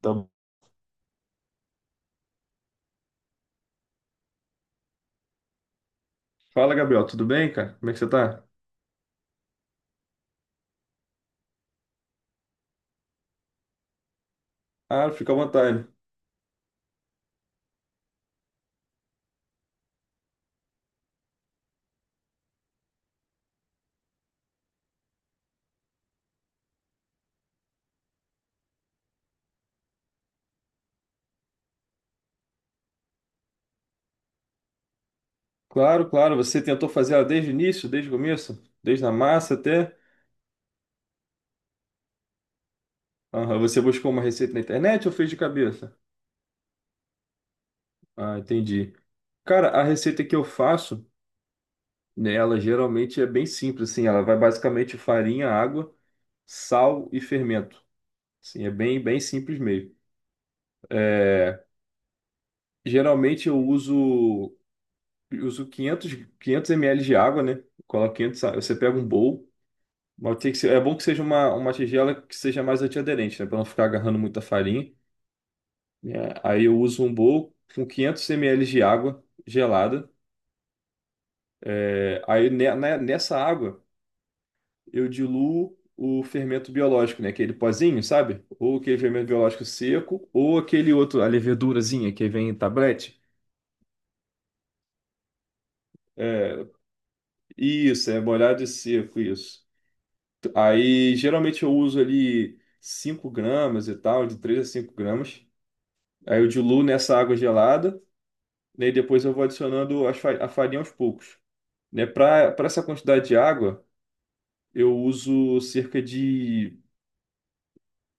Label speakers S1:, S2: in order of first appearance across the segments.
S1: Tá bom. Fala, Gabriel, tudo bem, cara? Como é que você tá? Ah, fica à vontade. Claro, claro, você tentou fazer ela desde o início, desde o começo, desde a massa até. Aham, você buscou uma receita na internet ou fez de cabeça? Ah, entendi. Cara, a receita que eu faço, né, ela geralmente é bem simples, assim, ela vai basicamente farinha, água, sal e fermento. Assim, é bem, bem simples mesmo. É, geralmente eu uso 500 ml de água, né? Coloco 500. Você pega um bowl. Mas é bom que seja uma tigela que seja mais antiaderente, né? Para não ficar agarrando muita farinha. É, aí eu uso um bowl com 500 ml de água gelada. É, aí nessa água eu diluo o fermento biológico, né? Aquele pozinho, sabe? Ou aquele fermento biológico seco, ou aquele outro, a levedurazinha que vem em tablete. É, isso, é molhado e seco, isso. Aí geralmente eu uso ali 5 gramas e tal, de 3 a 5 gramas. Aí eu diluo nessa água gelada, né? E depois eu vou adicionando a farinha aos poucos, né? Para essa quantidade de água, eu uso cerca de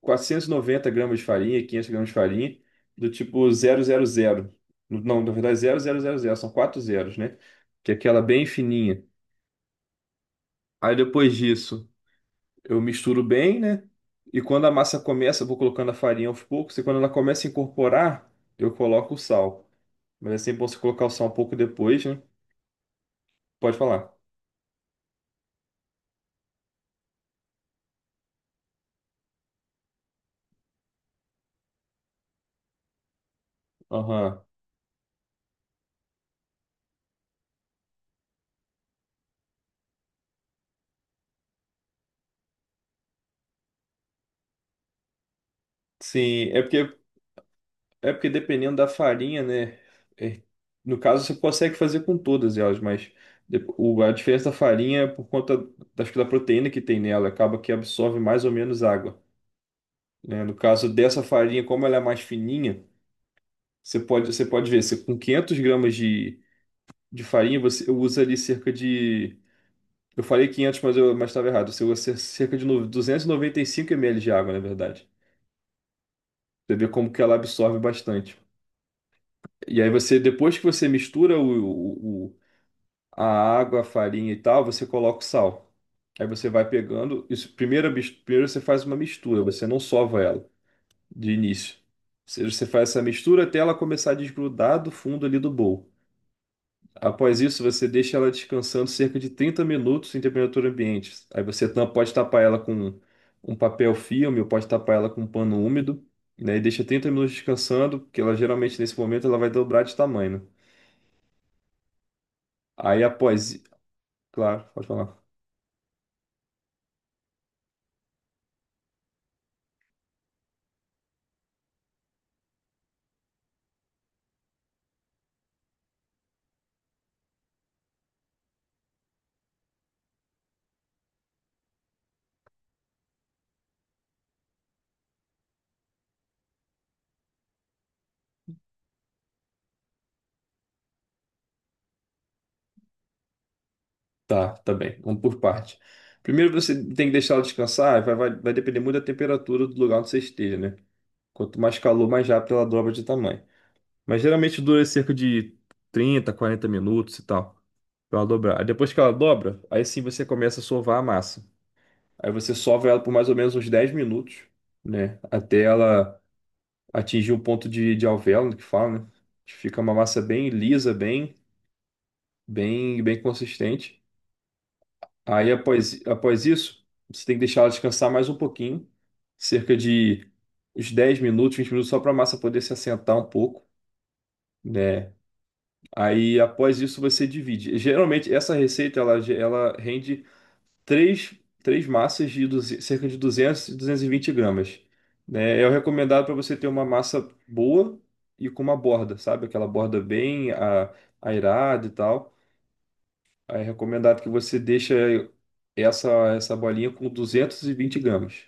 S1: 490 gramas de farinha, 500 gramas de farinha, do tipo zero zero zero. Não, na verdade, zero zero zero zero, são quatro zeros, né? Que é aquela bem fininha. Aí depois disso, eu misturo bem, né? E quando a massa começa, eu vou colocando a farinha aos poucos, e quando ela começa a incorporar, eu coloco o sal. Mas é sempre bom você colocar o sal um pouco depois, né? Pode falar. Aham. Sim, é porque dependendo da farinha, né? é- no caso, você consegue fazer com todas elas, mas a diferença da farinha é por conta da, acho que da proteína que tem nela, acaba que absorve mais ou menos água. Né? No caso dessa farinha, como ela é mais fininha, você pode ver, você, com 500 gramas de farinha, você usa ali cerca de. Eu falei 500, mas eu mas estava errado. Você usa cerca de 295 ml de água, na verdade. Você vê como que ela absorve bastante. E aí você, depois que você mistura a água, a farinha e tal, você coloca o sal. Aí você vai pegando. Isso, primeiro você faz uma mistura, você não sova ela de início. Ou seja, você faz essa mistura até ela começar a desgrudar do fundo ali do bowl. Após isso, você deixa ela descansando cerca de 30 minutos em temperatura ambiente. Aí você pode tapar ela com um papel filme ou pode tapar ela com um pano úmido, né? E deixa 30 minutos descansando, porque ela geralmente nesse momento ela vai dobrar de tamanho, né? Aí após. Claro, pode falar. Tá, tá bem. Vamos por parte. Primeiro você tem que deixar ela descansar, vai depender muito da temperatura do lugar onde você esteja, né? Quanto mais calor, mais rápido ela dobra de tamanho. Mas geralmente dura cerca de 30 a 40 minutos e tal, pra ela dobrar. Aí depois que ela dobra, aí sim você começa a sovar a massa. Aí você sova ela por mais ou menos uns 10 minutos, né? Até ela atingir um ponto de alvéolo, que fala, né? Que fica uma massa bem lisa, bem, bem, bem consistente. Aí, após isso, você tem que deixar ela descansar mais um pouquinho, cerca de uns 10 minutos, 20 minutos, só para a massa poder se assentar um pouco, né? Aí, após isso, você divide. Geralmente, essa receita, ela, ela rende três, três massas de cerca de 200 e 220 gramas, né? É o recomendado para você ter uma massa boa e com uma borda, sabe? Aquela borda bem airada e tal. Aí, é recomendado que você deixe essa, essa bolinha com 220 gramas.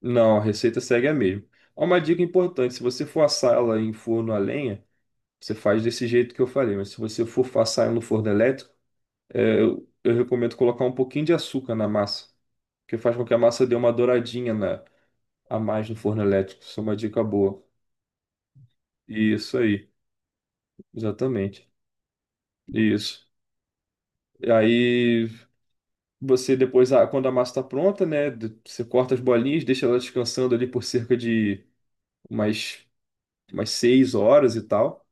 S1: Não, a receita segue a mesma. Há uma dica importante: se você for assar ela em forno a lenha, você faz desse jeito que eu falei, mas se você for assar ela no forno elétrico, é, eu recomendo colocar um pouquinho de açúcar na massa, que faz com que a massa dê uma douradinha na, a mais no forno elétrico. Isso é uma dica boa. Isso aí, exatamente. Isso. E aí você depois, ah, quando a massa está pronta, né, você corta as bolinhas, deixa ela descansando ali por cerca de umas umas 6 horas e tal.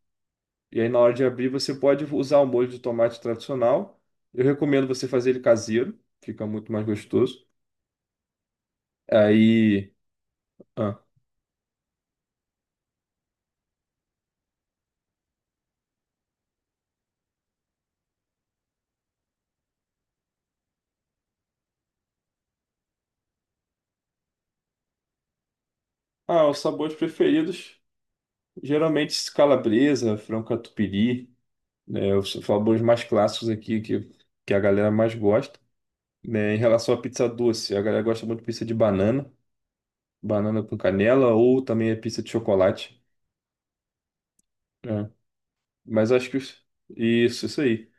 S1: E aí, na hora de abrir, você pode usar o molho de tomate tradicional. Eu recomendo você fazer ele caseiro, fica muito mais gostoso. Aí. Ah, os sabores preferidos: geralmente calabresa, frango catupiry, né? Os sabores mais clássicos aqui que a galera mais gosta. Né? Em relação à pizza doce, a galera gosta muito de pizza de banana, banana com canela, ou também a pizza de chocolate. Né? Mas acho que. Isso, isso aí.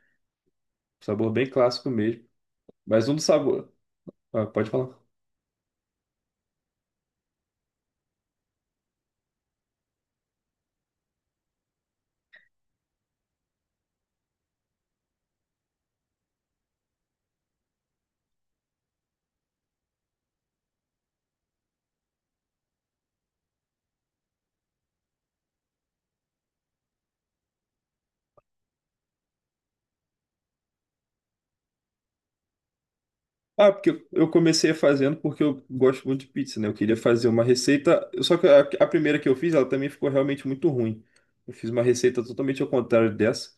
S1: Sabor bem clássico mesmo. Mas um dos sabores. Ah, pode falar. Ah, porque eu comecei fazendo porque eu gosto muito de pizza, né? Eu queria fazer uma receita. Só que a primeira que eu fiz, ela também ficou realmente muito ruim. Eu fiz uma receita totalmente ao contrário dessa.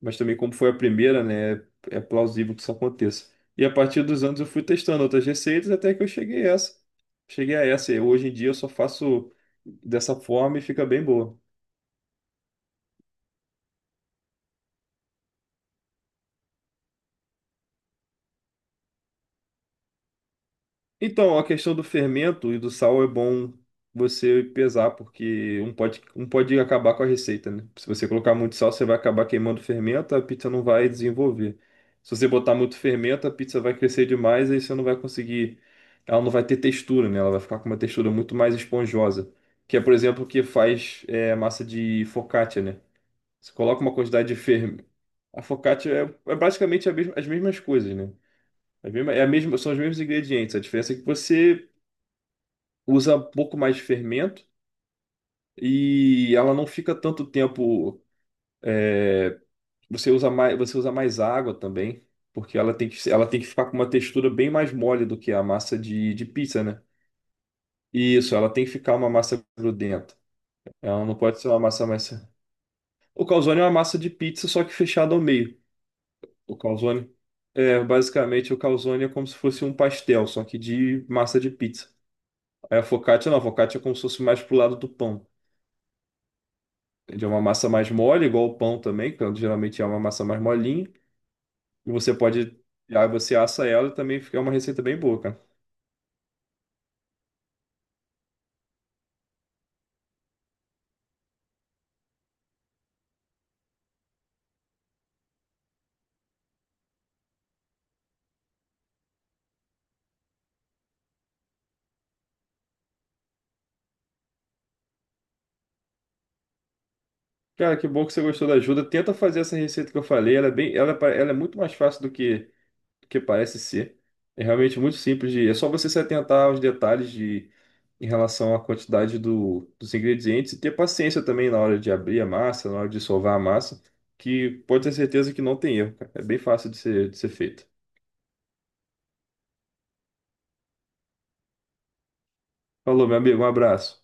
S1: Mas também, como foi a primeira, né? É plausível que isso aconteça. E a partir dos anos eu fui testando outras receitas até que eu cheguei a essa. Cheguei a essa. E hoje em dia eu só faço dessa forma e fica bem boa. Então, a questão do fermento e do sal é bom você pesar, porque um pode acabar com a receita, né? Se você colocar muito sal, você vai acabar queimando o fermento, a pizza não vai desenvolver. Se você botar muito fermento, a pizza vai crescer demais, aí você não vai conseguir. Ela não vai ter textura, né? Ela vai ficar com uma textura muito mais esponjosa. Que é, por exemplo, o que faz é, massa de focaccia, né? Você coloca uma quantidade de fermento. A focaccia é basicamente as mesmas coisas, né? É a mesma, são os mesmos ingredientes. A diferença é que você usa um pouco mais de fermento e ela não fica tanto tempo. É, você usa mais, água também, porque ela tem que, ela tem que ficar com uma textura bem mais mole do que a massa de pizza, né? Isso, ela tem que ficar uma massa grudenta. Ela não pode ser uma massa mais. O calzone é uma massa de pizza, só que fechada ao meio. O calzone. É, basicamente, o calzone é como se fosse um pastel, só que de massa de pizza. Aí a focaccia não, a focaccia é como se fosse mais pro lado do pão. De uma massa mais mole, igual o pão também, que geralmente é uma massa mais molinha. E você pode, aí você assa ela e também fica uma receita bem boa, cara. Cara, que bom que você gostou da ajuda. Tenta fazer essa receita que eu falei. Ela é bem, ela, ela é muito mais fácil do que parece ser. É realmente muito simples de, é só você se atentar aos detalhes de, em relação à quantidade do, dos ingredientes e ter paciência também na hora de abrir a massa, na hora de sovar a massa, que pode ter certeza que não tem erro, cara. É bem fácil de ser feito. Falou, meu amigo, um abraço.